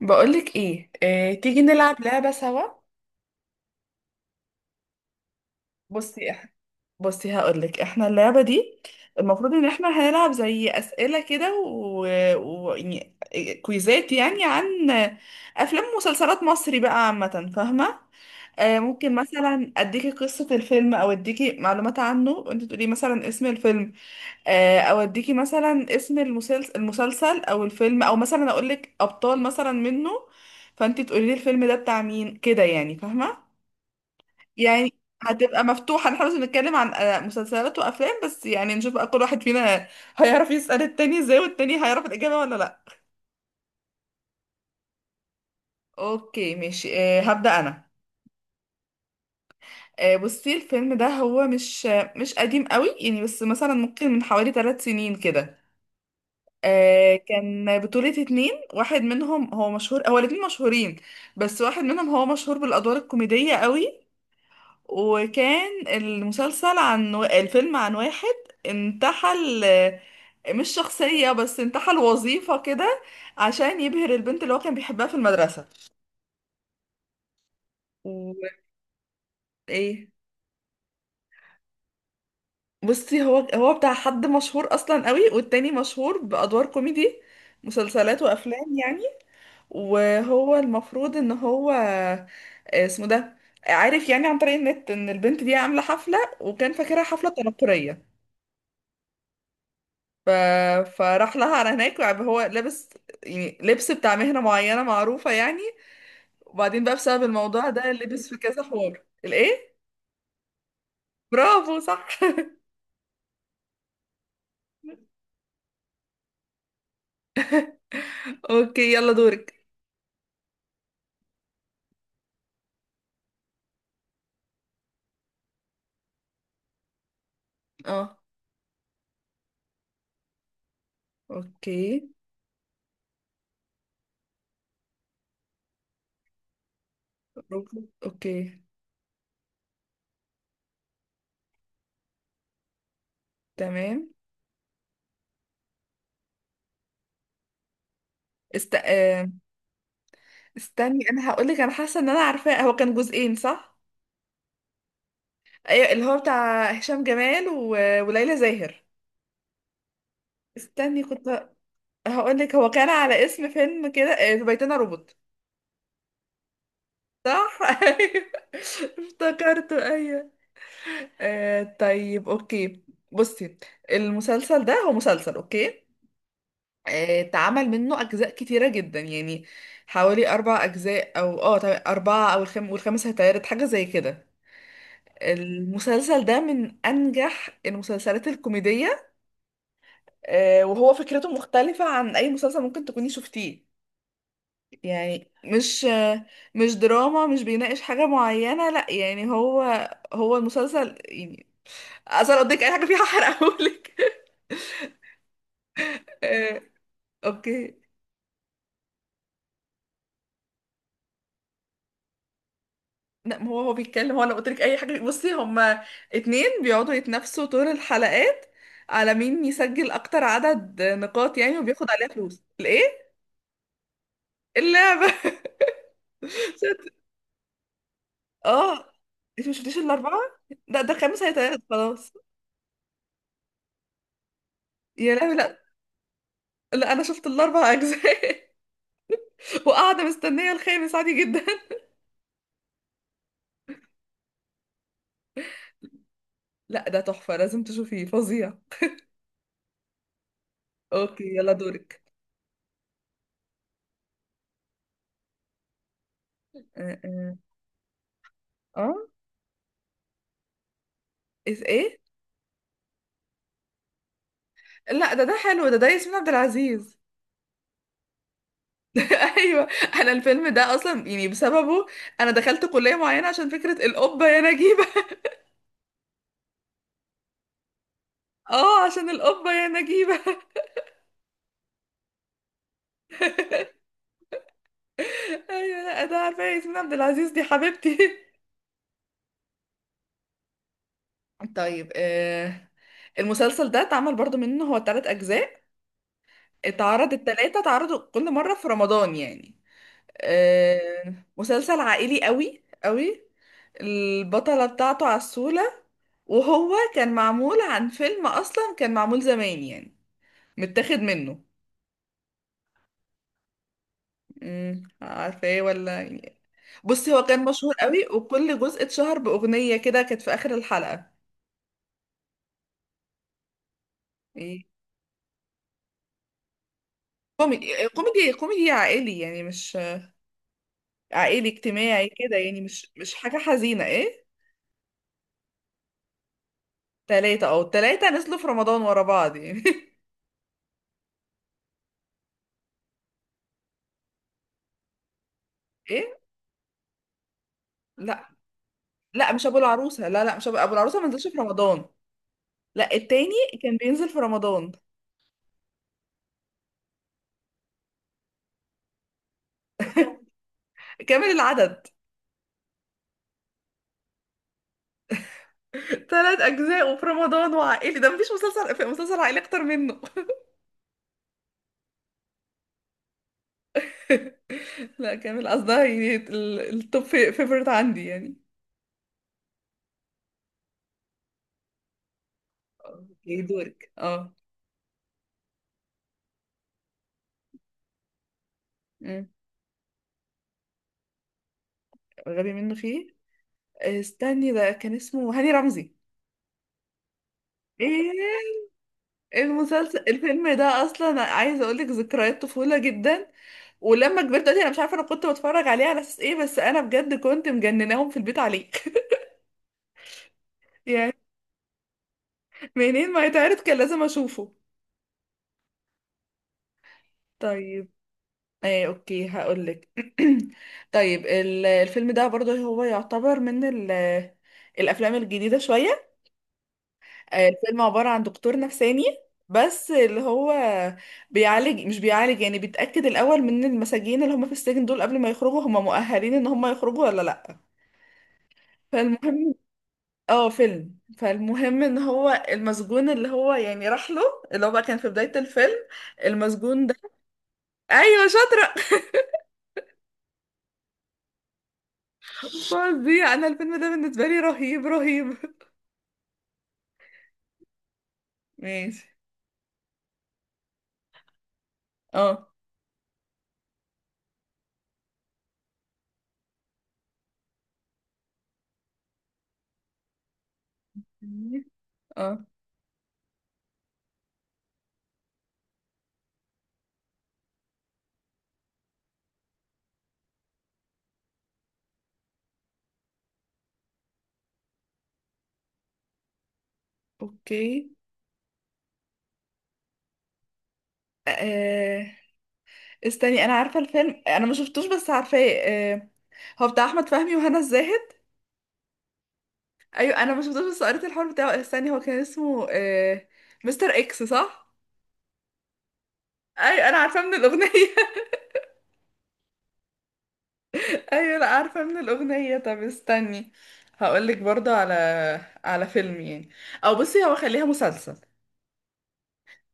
بقولك ايه، تيجي نلعب لعبة سوا. بصي إح- بصي، هقولك احنا اللعبة دي المفروض ان احنا هنلعب زي اسئلة كده و يعني كويزات يعني عن افلام ومسلسلات مصري بقى عامة، فاهمة؟ ممكن مثلا اديكي قصة الفيلم او اديكي معلومات عنه وانت تقولي مثلا اسم الفيلم. او اديكي مثلا اسم المسلسل او الفيلم او مثلا اقولك ابطال مثلا منه، فانت تقولي لي الفيلم ده بتاع مين كده، يعني فاهمة؟ يعني هتبقى مفتوحة، نحن بس بنتكلم عن مسلسلات وأفلام بس، يعني نشوف بقى كل واحد فينا هيعرف يسأل التاني ازاي والتاني هيعرف الإجابة ولا لأ. اوكي ماشي، أه هبدأ أنا. أه بصي، الفيلم ده هو مش مش قديم قوي يعني، بس مثلا ممكن من حوالي 3 سنين كده. أه كان بطولة اتنين، واحد منهم هو مشهور، هو الاتنين مشهورين، بس واحد منهم هو مشهور بالأدوار الكوميدية قوي. وكان المسلسل عن الفيلم عن واحد انتحل، مش شخصية بس انتحل وظيفة كده عشان يبهر البنت اللي هو كان بيحبها في المدرسة. وايه، بصي هو بتاع حد مشهور اصلا قوي، والتاني مشهور بأدوار كوميدي مسلسلات وافلام يعني. وهو المفروض ان هو اسمه ده، عارف يعني عن طريق النت ان البنت دي عاملة حفلة، وكان فاكرها حفلة تنكرية. ف... فراح لها على هناك، بقى هو لابس يعني لبس بتاع مهنة معينة معروفة يعني. وبعدين بقى بسبب الموضوع ده لبس في كذا حوار الايه؟ برافو صح. اوكي يلا دورك. اه. اوكي. روبوت، اوكي. تمام. است... آه، استني انا هقول لك، انا حاسه ان انا عارفاه. هو كان جزئين صح؟ ايوه، اللي هو بتاع هشام جمال وليلى زاهر. استني كنت هقول لك، هو كان على اسم فيلم كده، في بيتنا روبوت. صح. ايوه، افتكرته ايوه. آه طيب اوكي. بصي، المسلسل ده هو مسلسل اوكي، آه اتعمل منه اجزاء كتيره جدا يعني، حوالي اربع اجزاء او اه طيب اربعه، او والخامس هيتعرض حاجه زي كده. المسلسل ده من انجح المسلسلات الكوميديه. آه وهو فكرته مختلفه عن اي مسلسل ممكن تكوني شفتيه. يعني مش دراما، مش بيناقش حاجة معينة لا، يعني هو هو المسلسل يعني اصل لو قلتلك اي حاجة فيها هحرقهولك. آه، اوكي. لا ما هو هو بيتكلم، هو لو قلت لك اي حاجه، بصي هما اتنين بيقعدوا يتنافسوا طول الحلقات على مين يسجل اكتر عدد نقاط يعني وبياخد عليها فلوس الايه؟ اللعبه. شت- اه. انت مش شفتيش الاربعه؟ لا ده خامس هيتعرض خلاص. يا لهوي لا. لا انا شفت الاربع اجزاء وقاعدة مستنية الخامس عادي جدا. لا ده تحفة لازم تشوفيه، فظيع. اوكي يلا دورك. اه اه. آه، إيه ايه. لا ده ده حلو، ده ده ياسمين عبد العزيز. ايوه. انا الفيلم ده اصلا يعني بسببه انا دخلت كلية معينة عشان فكرة القبة يا نجيبة. اه عشان القبة يا نجيبة. ايوه، لا ده عارفة ياسمين عبد العزيز دي حبيبتي. طيب آه، المسلسل ده اتعمل برضو منه هو تلات اجزاء، اتعرض التلاتة، اتعرضوا كل مرة في رمضان يعني. مسلسل عائلي قوي قوي. البطلة بتاعته عسولة، وهو كان معمول عن فيلم أصلا كان معمول زمان يعني متاخد منه. امم، عارفة ايه ولا يعني؟ بصي هو كان مشهور قوي وكل جزء اتشهر بأغنية كده كانت في آخر الحلقة. ايه، كوميدي. كوميدي كوميدي عائلي يعني، مش عائلي اجتماعي كده يعني، مش حاجة حزينة ايه. تلاتة، اه التلاتة نزلوا في رمضان ورا بعض يعني. ايه؟ لا لا مش ابو العروسه، لا لا مش ابو, أبو العروسه ما نزلش في رمضان. لا التاني كان بينزل في رمضان. كامل العدد. ثلاث اجزاء وفي رمضان وعائلي، ده مفيش مسلسل في مسلسل عائلي اكتر منه. لا كامل قصدها يعني، التوب فيفورت عندي يعني. اوكي دورك اه. أمم. غبي منه فيه. استني ده كان اسمه هاني رمزي. ايه، المسلسل الفيلم ده اصلا عايزه اقول لك ذكريات طفوله جدا. ولما كبرت دلوقتي انا مش عارفه انا كنت بتفرج عليه على اساس ايه، بس انا بجد كنت مجنناهم في البيت عليه يعني. منين ما يتعرض كان لازم اشوفه. طيب. ايه اوكي هقولك. طيب الفيلم ده برضه هو يعتبر من الافلام الجديده شويه. الفيلم عباره عن دكتور نفساني، بس اللي هو بيعالج، مش بيعالج يعني، بيتاكد الاول من المساجين اللي هم في السجن دول قبل ما يخرجوا، هم مؤهلين ان هم يخرجوا ولا لا. فالمهم اه فيلم. فالمهم ان هو المسجون اللي هو يعني راح له، اللي هو بقى كان في بدايه الفيلم المسجون ده. ايوه شاطره. فظيع، انا الفيلم ده بالنسبه لي رهيب رهيب. ماشي. اه اه. اوكي. آه... استني انا عارفه الفيلم، انا ما شفتوش بس عارفاه. آه... هو بتاع احمد فهمي وهنا الزاهد. ايوه انا ما شفتوش بس قريت الحوار بتاعه. استني هو كان اسمه آه... مستر اكس صح. ايوه. انا عارفاه من الاغنيه. ايوه، لا عارفه من الاغنيه. طب استني هقولك برضه على فيلم يعني، او بصي هو خليها مسلسل.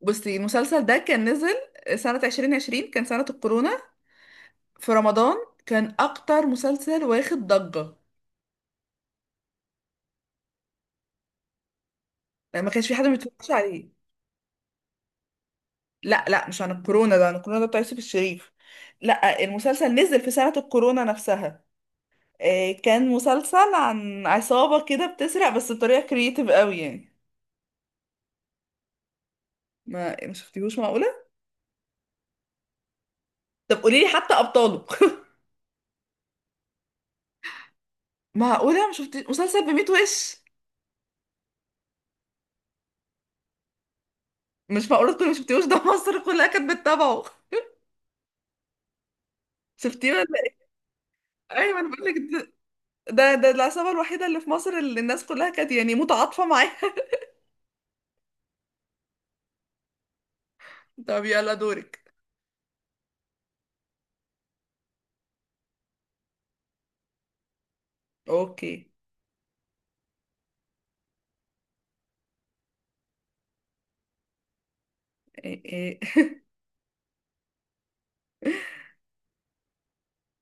بصي المسلسل ده كان نزل سنة 2020، كان سنة الكورونا، في رمضان، كان أكتر مسلسل واخد ضجة يعني، ما كانش في حد ما بيتفرجش عليه. لا لا مش عن الكورونا، ده عن الكورونا ده بتاع يوسف الشريف. لا المسلسل نزل في سنة الكورونا نفسها. كان مسلسل عن عصابة كده بتسرق بس بطريقة كرييتيف قوي يعني. ما شفتيهوش، معقولة؟ طب قولي لي حتى أبطاله. معقولة ما شفتي مسلسل بميت وش. مش معقولة تكوني ما شفتيهوش، ده مصر كلها كانت بتتابعه. شفتيه ولا؟ ايوه انا بقول لك ده، ده العصابه الوحيده اللي في مصر اللي الناس كلها كانت يعني متعاطفه معاها. طب يلا دورك. اوكي. إيه إيه.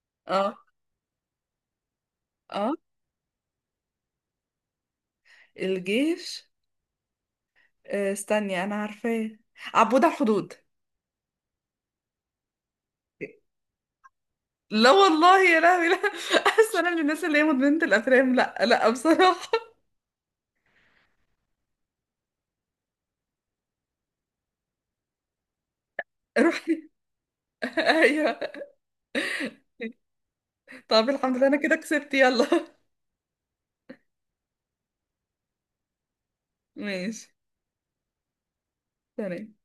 اه اه. الجيش. استني انا عارفاه. عبود على الحدود. لا والله يا لهوي لا. اصل انا من الناس اللي هي مدمنه الافلام لا لا بصراحه. روحي. ايوه. طب الحمد لله انا كده كسبت، يلا. ماشي. تمام.